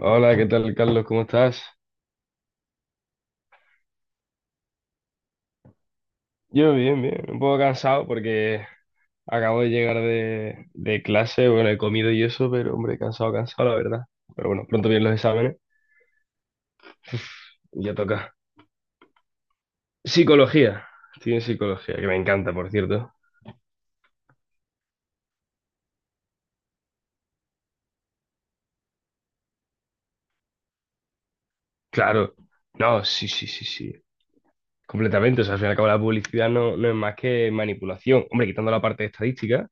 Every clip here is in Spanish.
Hola, ¿qué tal, Carlos? ¿Cómo estás? Yo bien, bien. Un poco cansado porque acabo de llegar de clase, bueno, he comido y eso, pero hombre, cansado, cansado, la verdad. Pero bueno, pronto vienen los exámenes y ya toca. Psicología. Estoy en psicología, que me encanta, por cierto. Claro. No, sí, sí, sí, sí. Completamente, o sea, al fin y al cabo la publicidad no es más que manipulación. Hombre, quitando la parte de estadística,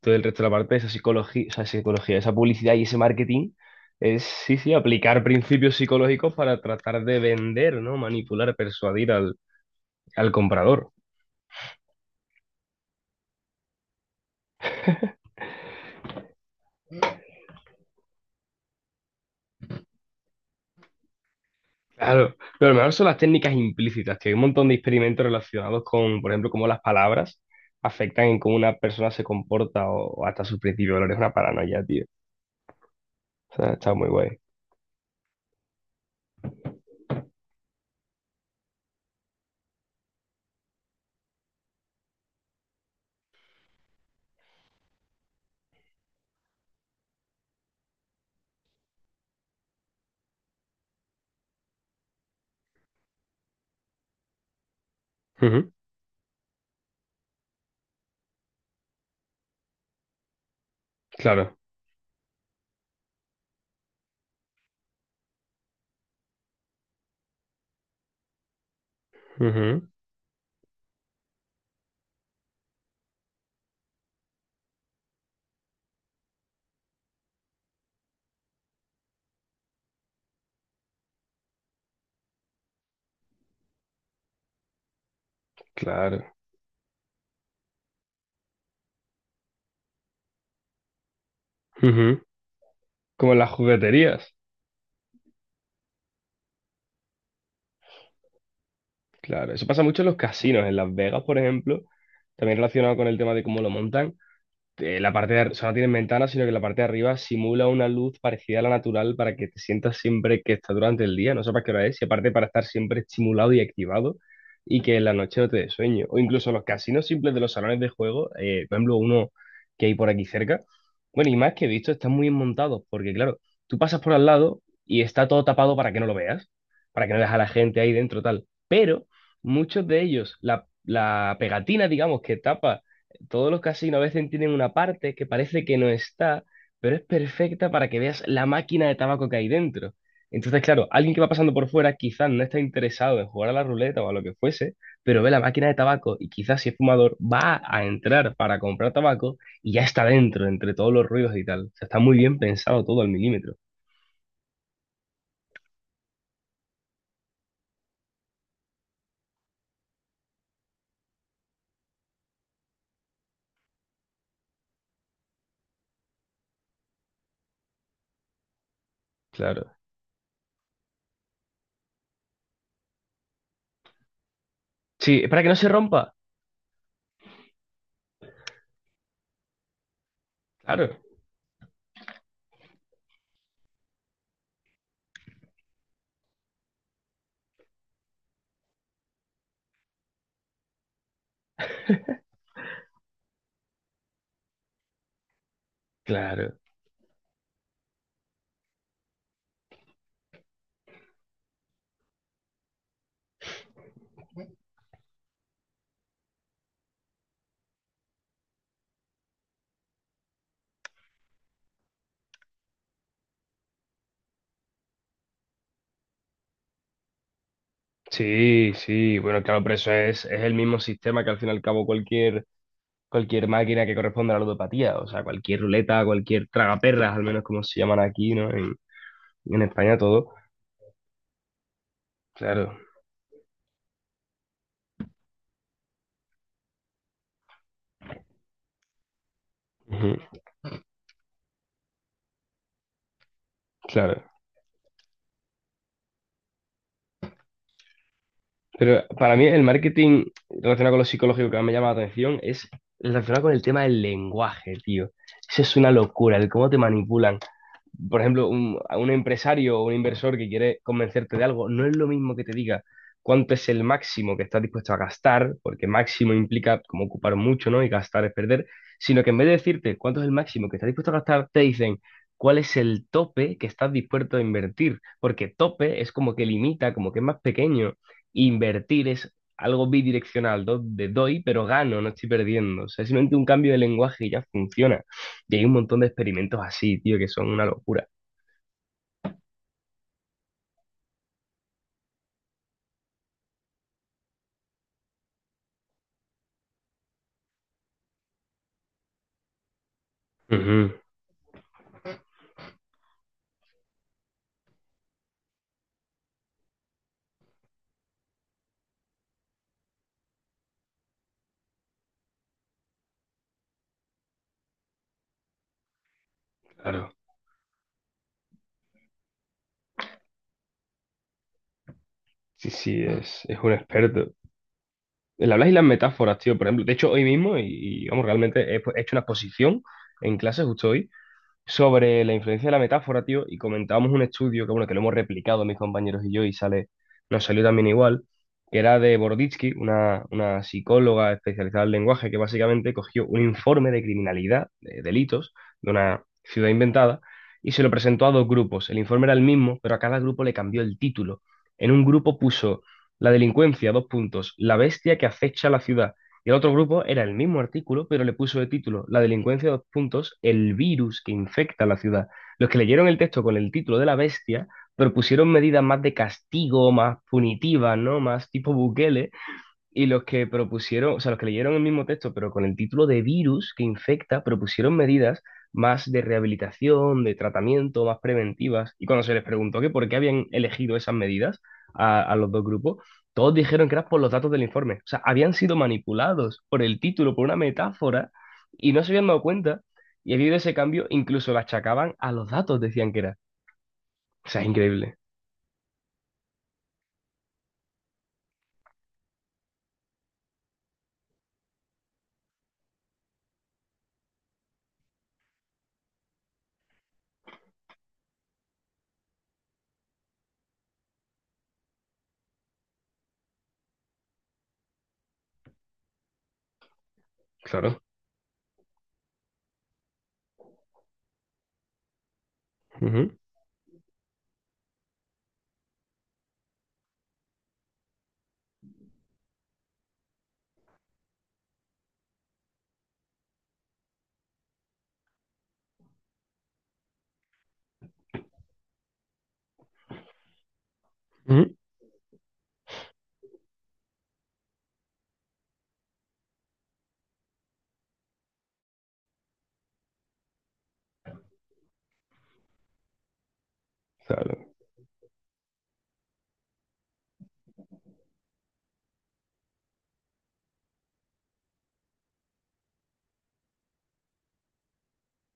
todo el resto de la parte de esa psicología, esa publicidad y ese marketing es, sí, sí, aplicar principios psicológicos para tratar de vender, ¿no? Manipular, persuadir al comprador. Claro, pero lo mejor son las técnicas implícitas, que hay un montón de experimentos relacionados con, por ejemplo, cómo las palabras afectan en cómo una persona se comporta o hasta sus principios de valores. Es una paranoia, tío. O sea, está muy guay. Ujú, claro. Ujú, claro. Ujú. Como en las jugueterías. Claro, eso pasa mucho en los casinos, en Las Vegas, por ejemplo, también relacionado con el tema de cómo lo montan. La parte de, o sea, no tienen ventanas, sino que la parte de arriba simula una luz parecida a la natural para que te sientas siempre que está durante el día, no sepas qué hora es, y aparte para estar siempre estimulado y activado y que en la noche no te dé sueño. O incluso los casinos simples de los salones de juego, por ejemplo, uno que hay por aquí cerca, bueno, y más que he visto, están muy bien montados, porque claro, tú pasas por al lado y está todo tapado para que no lo veas, para que no veas a la gente ahí dentro, tal. Pero muchos de ellos, la pegatina, digamos, que tapa todos los casinos a veces tienen una parte que parece que no está, pero es perfecta para que veas la máquina de tabaco que hay dentro. Entonces, claro, alguien que va pasando por fuera quizás no está interesado en jugar a la ruleta o a lo que fuese, pero ve la máquina de tabaco y quizás si es fumador va a entrar para comprar tabaco y ya está dentro, entre todos los ruidos y tal. O sea, está muy bien pensado todo al milímetro. Claro. Sí, para que no se rompa. Claro, claro. Sí, sí, bueno, claro, pero eso es el mismo sistema que al fin y al cabo cualquier máquina que corresponda a la ludopatía, o sea, cualquier ruleta, cualquier tragaperras, al menos como se llaman aquí, ¿no? En España todo, claro, ujú, claro. Pero para mí el marketing relacionado con lo psicológico que más me llama la atención es relacionado con el tema del lenguaje, tío. Eso es una locura, el cómo te manipulan. Por ejemplo, a un empresario o un inversor que quiere convencerte de algo, no es lo mismo que te diga cuánto es el máximo que estás dispuesto a gastar, porque máximo implica como ocupar mucho, ¿no? Y gastar es perder, sino que en vez de decirte cuánto es el máximo que estás dispuesto a gastar, te dicen cuál es el tope que estás dispuesto a invertir, porque tope es como que limita, como que es más pequeño. Invertir es algo bidireccional, de doy, pero gano, no estoy perdiendo. O sea, es simplemente un cambio de lenguaje y ya funciona. Y hay un montón de experimentos así, tío, que son una locura. Ujú, claro. Sí, sí, es, un experto. El hablas y las metáforas, tío, por ejemplo. De hecho, hoy mismo, vamos, realmente he hecho una exposición en clase justo hoy sobre la influencia de la metáfora, tío, y comentábamos un estudio que, bueno, que lo hemos replicado mis compañeros y yo y sale, nos salió también igual, que era de Boroditsky, una psicóloga especializada en lenguaje que básicamente cogió un informe de criminalidad, de delitos, de una ciudad inventada, y se lo presentó a dos grupos. El informe era el mismo, pero a cada grupo le cambió el título. En un grupo puso la delincuencia, dos puntos, la bestia que acecha la ciudad. Y el otro grupo era el mismo artículo, pero le puso de título la delincuencia, dos puntos, el virus que infecta la ciudad. Los que leyeron el texto con el título de la bestia propusieron medidas más de castigo, más punitivas, ¿no? Más tipo Bukele, y los que propusieron, o sea, los que leyeron el mismo texto, pero con el título de virus que infecta, propusieron medidas más de rehabilitación, de tratamiento, más preventivas. Y cuando se les preguntó que por qué habían elegido esas medidas a los dos grupos, todos dijeron que era por los datos del informe. O sea, habían sido manipulados por el título, por una metáfora, y no se habían dado cuenta. Y debido a ese cambio, incluso lo achacaban a los datos, decían que era. O sea, es increíble. Claro. Ujú, ujú. Claro.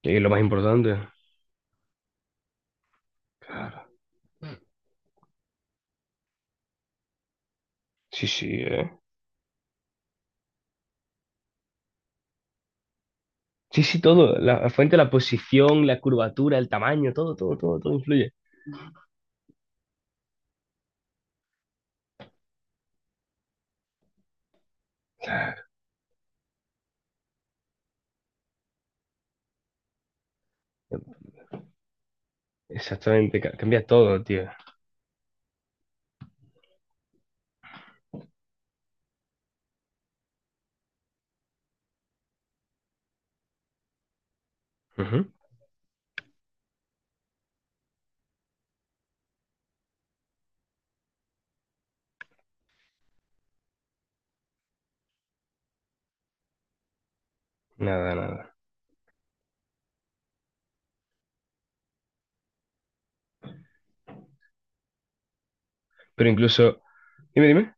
Y es lo más importante. Claro. Sí, sí, es. Sí, sí, todo. La fuente, la posición, la curvatura, el tamaño, todo, todo, todo, todo influye. Exactamente, cambia todo, tío. Ujú. Nada, nada. Pero incluso, dime, dime.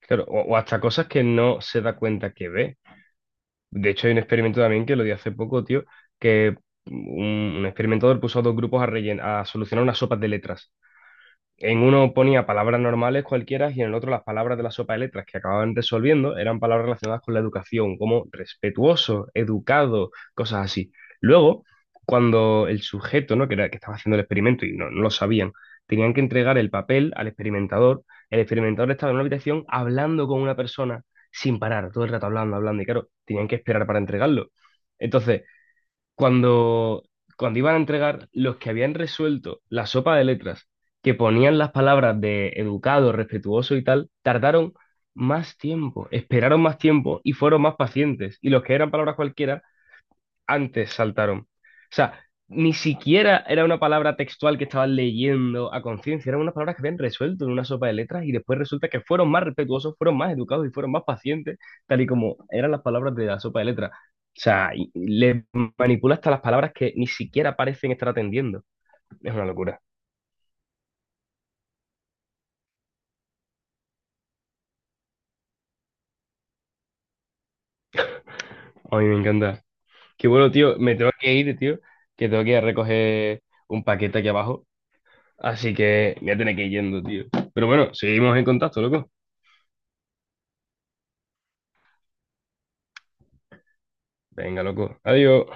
Claro, o hasta cosas que no se da cuenta que ve. De hecho, hay un experimento también que lo di hace poco, tío, que un experimentador puso a dos grupos a solucionar unas sopas de letras. En uno ponía palabras normales cualquiera y en el otro las palabras de la sopa de letras que acababan resolviendo eran palabras relacionadas con la educación, como respetuoso, educado, cosas así. Luego, cuando el sujeto, ¿no? que era, que estaba haciendo el experimento y no lo sabían, tenían que entregar el papel al experimentador, el experimentador estaba en una habitación hablando con una persona sin parar, todo el rato hablando, hablando, y claro, tenían que esperar para entregarlo. Entonces, cuando, cuando, iban a entregar, los que habían resuelto la sopa de letras, que ponían las palabras de educado, respetuoso y tal, tardaron más tiempo, esperaron más tiempo y fueron más pacientes. Y los que eran palabras cualquiera antes saltaron. O sea, ni siquiera era una palabra textual que estaban leyendo a conciencia, eran unas palabras que habían resuelto en una sopa de letras y después resulta que fueron más respetuosos, fueron más educados y fueron más pacientes, tal y como eran las palabras de la sopa de letras. O sea, y le manipula hasta las palabras que ni siquiera parecen estar atendiendo. Es una locura. A mí me encanta. Qué bueno, tío. Me tengo que ir, tío. Que tengo que ir a recoger un paquete aquí abajo. Así que me voy a tener que ir yendo, tío. Pero bueno, seguimos en contacto, loco. Venga, loco. Adiós.